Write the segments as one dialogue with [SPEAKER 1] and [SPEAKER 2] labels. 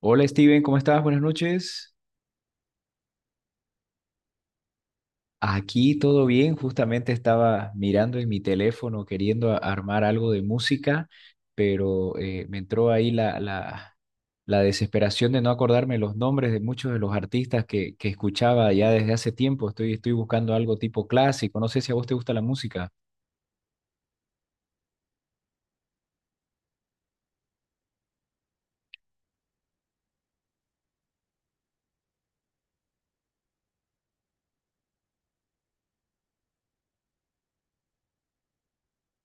[SPEAKER 1] Hola Steven, ¿cómo estás? Buenas noches. Aquí todo bien, justamente estaba mirando en mi teléfono queriendo armar algo de música, pero me entró ahí la desesperación de no acordarme los nombres de muchos de los artistas que escuchaba ya desde hace tiempo. Estoy buscando algo tipo clásico, no sé si a vos te gusta la música.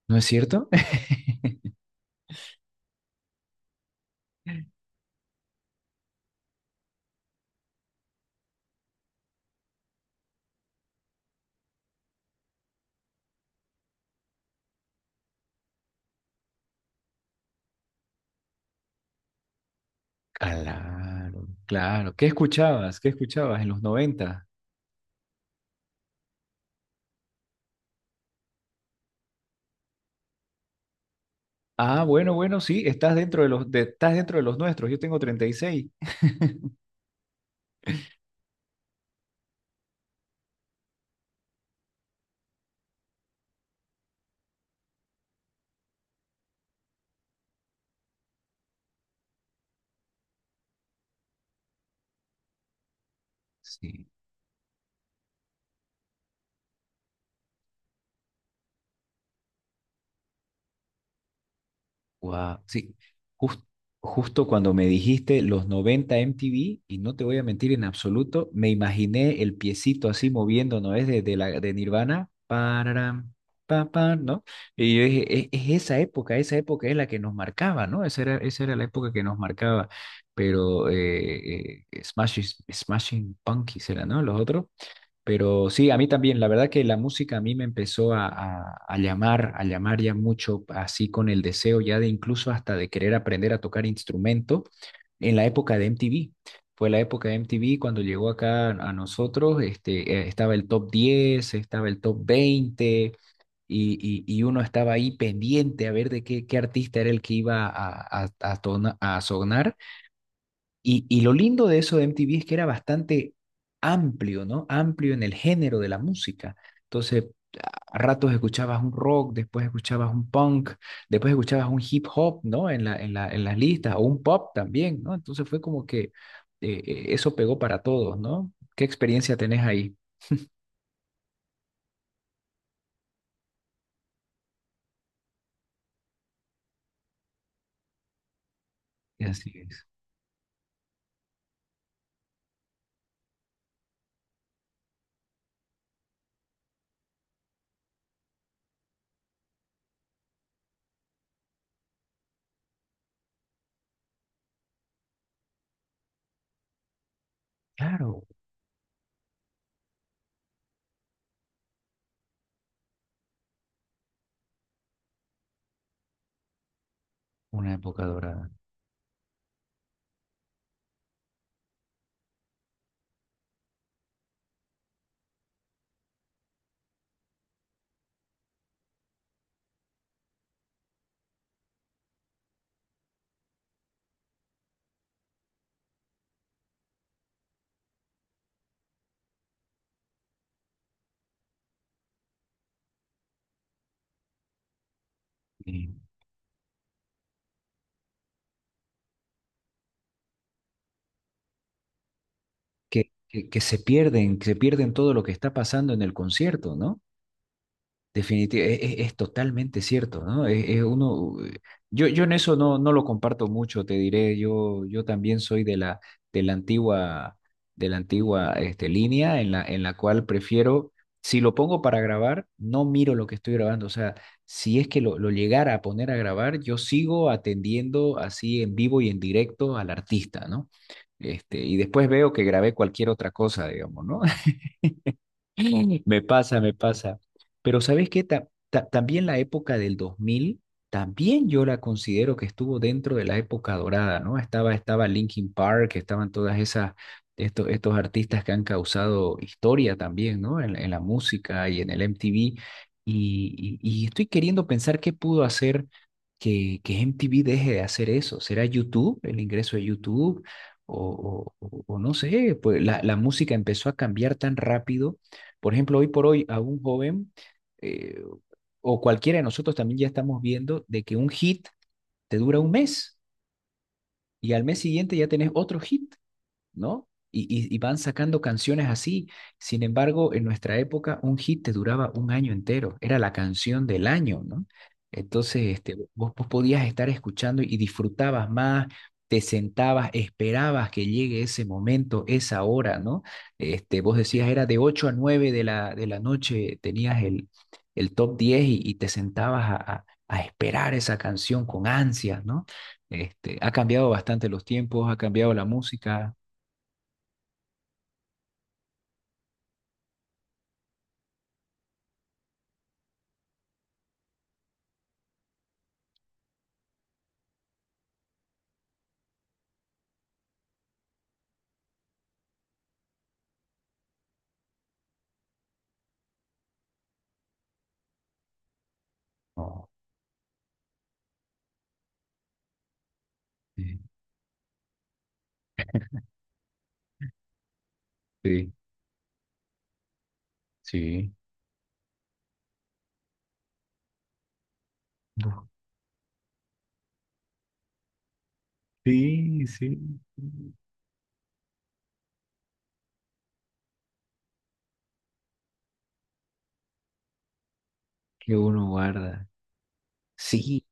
[SPEAKER 1] ¿No es cierto? Claro, claro. ¿Qué escuchabas? ¿Qué escuchabas en los 90? Ah, bueno, bueno, sí, estás dentro de estás dentro de los nuestros, yo tengo 36. Sí. Guau, sí, jus- justo cuando me dijiste los 90 MTV, y no te voy a mentir en absoluto, me imaginé el piecito así moviendo, ¿no es? De Nirvana, pararam, pa, pa, ¿no? Y yo dije, es esa época es la que nos marcaba, ¿no? Esa era la época que nos marcaba, pero Smashing Pumpkins era, ¿no? Los otros. Pero sí, a mí también, la verdad que la música a mí me empezó a llamar ya mucho, así con el deseo ya de incluso hasta de querer aprender a tocar instrumento en la época de MTV. Fue la época de MTV cuando llegó acá a nosotros, este, estaba el top diez, estaba el top veinte, y y uno estaba ahí pendiente a ver de qué artista era el que iba a a sonar, y lo lindo de eso de MTV es que era bastante amplio, ¿no? Amplio en el género de la música. Entonces, a ratos escuchabas un rock, después escuchabas un punk, después escuchabas un hip hop, ¿no? En en las listas, o un pop también, ¿no? Entonces fue como que eso pegó para todos, ¿no? ¿Qué experiencia tenés ahí? Así es. Claro, una época dorada. Sí. Que se pierden, que se pierden todo lo que está pasando en el concierto, ¿no? Definitivamente, es totalmente cierto, ¿no? Es uno, yo en eso no, no lo comparto mucho, te diré, yo también soy de de la antigua, de la antigua este, línea en en la cual prefiero, si lo pongo para grabar, no miro lo que estoy grabando, o sea, si es que lo llegara a poner a grabar, yo sigo atendiendo así en vivo y en directo al artista, ¿no? Este, y después veo que grabé cualquier otra cosa, digamos, ¿no? Me pasa, me pasa. Pero ¿sabes qué? También la época del 2000 también yo la considero que estuvo dentro de la época dorada, ¿no? Estaba Linkin Park, estaban todas esas, estos artistas que han causado historia también, ¿no? En la música y en el MTV. Y estoy queriendo pensar qué pudo hacer que MTV deje de hacer eso. ¿Será YouTube, el ingreso de YouTube? O, o no sé, pues la música empezó a cambiar tan rápido. Por ejemplo, hoy por hoy a un joven, eh, o cualquiera de nosotros también, ya estamos viendo de que un hit te dura un mes y al mes siguiente ya tenés otro hit, ¿no? Y, y van sacando canciones así. Sin embargo, en nuestra época, un hit te duraba un año entero. Era la canción del año, ¿no? Entonces, este, vos podías estar escuchando y disfrutabas más, te sentabas, esperabas que llegue ese momento, esa hora, ¿no? Este, vos decías, era de 8 a 9 de de la noche, tenías el top diez, y te sentabas a esperar esa canción con ansias, ¿no? Este, ha cambiado bastante los tiempos, ha cambiado la música. No. Sí, sí, sí, no. Sí, sí, sí, que uno guarda. Sí,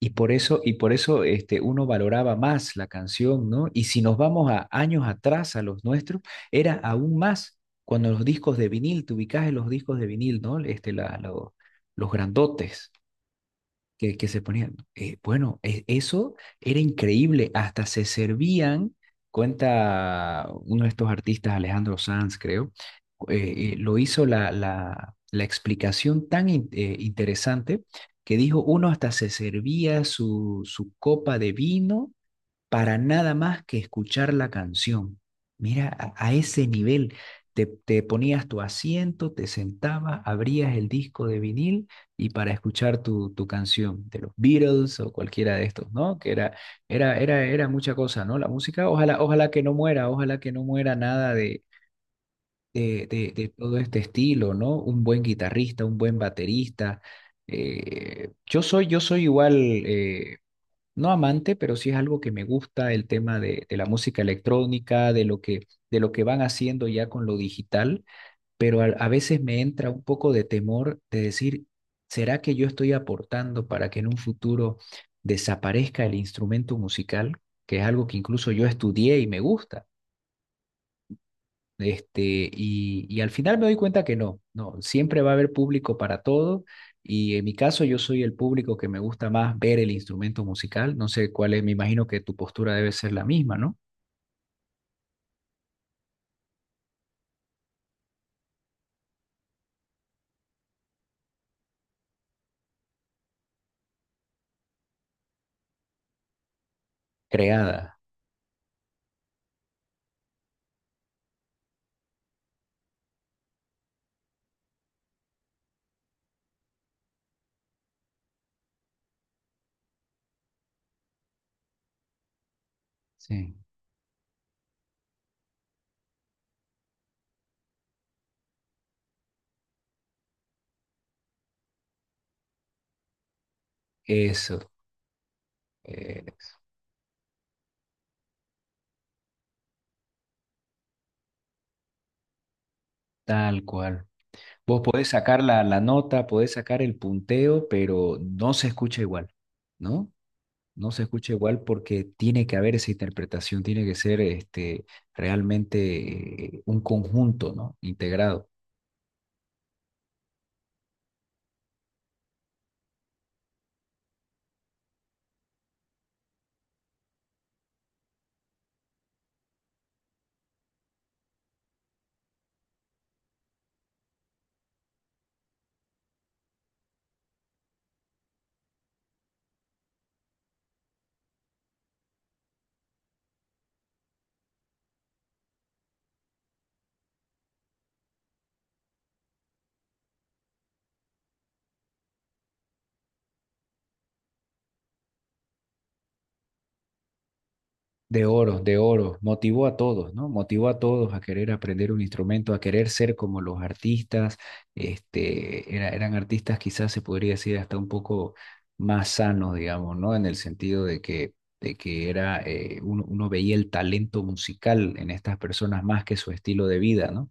[SPEAKER 1] y por eso este, uno valoraba más la canción, ¿no? Y si nos vamos a años atrás a los nuestros, era aún más cuando los discos de vinil, te ubicás en los discos de vinil, ¿no? Este, los grandotes. Que se ponían. Bueno, eso era increíble. Hasta se servían, cuenta uno de estos artistas, Alejandro Sanz, creo, lo hizo la explicación tan interesante que dijo, uno hasta se servía su copa de vino para nada más que escuchar la canción. Mira, a ese nivel. Te ponías tu asiento, te sentabas, abrías el disco de vinil y para escuchar tu canción de los Beatles o cualquiera de estos, ¿no? Que era, era mucha cosa, ¿no? La música, ojalá, ojalá que no muera, ojalá que no muera nada de, de todo este estilo, ¿no? Un buen guitarrista, un buen baterista. Yo soy igual, no amante, pero sí es algo que me gusta, el tema de la música electrónica, de lo de lo que van haciendo ya con lo digital, pero a veces me entra un poco de temor de decir, ¿será que yo estoy aportando para que en un futuro desaparezca el instrumento musical, que es algo que incluso yo estudié y me gusta? Este, y al final me doy cuenta que no, no, siempre va a haber público para todo. Y en mi caso, yo soy el público que me gusta más ver el instrumento musical. No sé cuál es, me imagino que tu postura debe ser la misma, ¿no? Creada. Sí, eso, eh, tal cual. Vos podés sacar la nota, podés sacar el punteo, pero no se escucha igual, ¿no? No se escucha igual porque tiene que haber esa interpretación, tiene que ser este, realmente un conjunto, ¿no? Integrado. De oro, de oro. Motivó a todos, ¿no? Motivó a todos a querer aprender un instrumento, a querer ser como los artistas. Este, eran artistas quizás se podría decir hasta un poco más sanos, digamos, ¿no? En el sentido de que era, uno veía el talento musical en estas personas más que su estilo de vida, ¿no?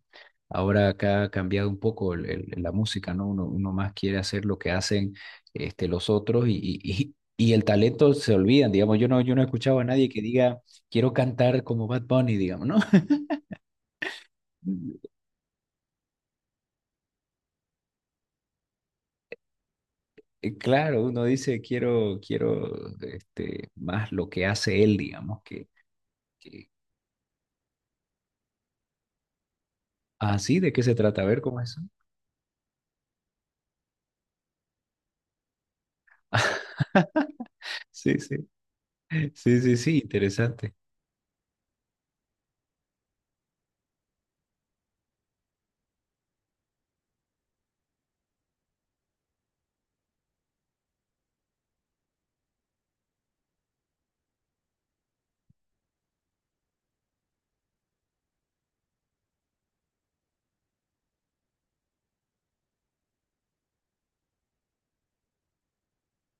[SPEAKER 1] Ahora acá ha cambiado un poco la música, ¿no? Uno más quiere hacer lo que hacen, este, los otros, y, y el talento se olvidan, digamos. Yo no he escuchado a nadie que diga quiero cantar como Bad Bunny, digamos, ¿no? Claro, uno dice, quiero, quiero este, más lo que hace él, digamos, que... Ah, sí, ¿de qué se trata? A ver, ¿cómo es eso? Sí, sí, sí, sí, sí, interesante.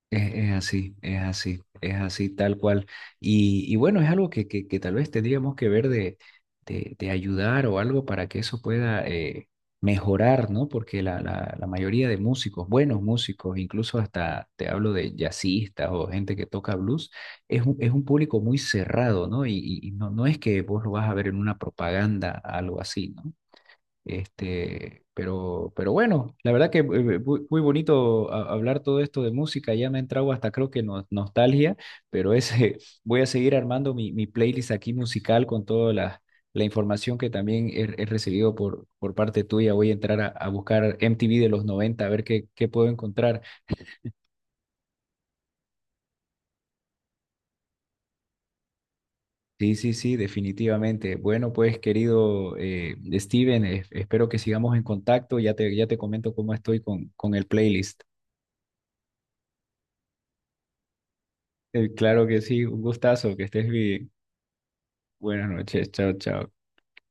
[SPEAKER 1] Es así, es así, es así, tal cual. Y bueno, es algo que tal vez tendríamos que ver de, de ayudar o algo para que eso pueda mejorar, ¿no? Porque la mayoría de músicos, buenos músicos, incluso hasta te hablo de jazzistas o gente que toca blues, es un público muy cerrado, ¿no? Y, no, no es que vos lo vas a ver en una propaganda, algo así, ¿no? Este, pero bueno, la verdad que muy, muy bonito hablar todo esto de música, ya me ha entrado hasta creo que nostalgia, pero ese, voy a seguir armando mi playlist aquí musical con toda la, la información que también he, he recibido por parte tuya. Voy a entrar a buscar MTV de los 90 a ver qué, qué puedo encontrar. Sí, sí, sí, definitivamente. Bueno, pues querido Steven, espero que sigamos en contacto, ya te comento cómo estoy con el playlist. Claro que sí, un gustazo, que estés bien. Buenas noches, chao, chao.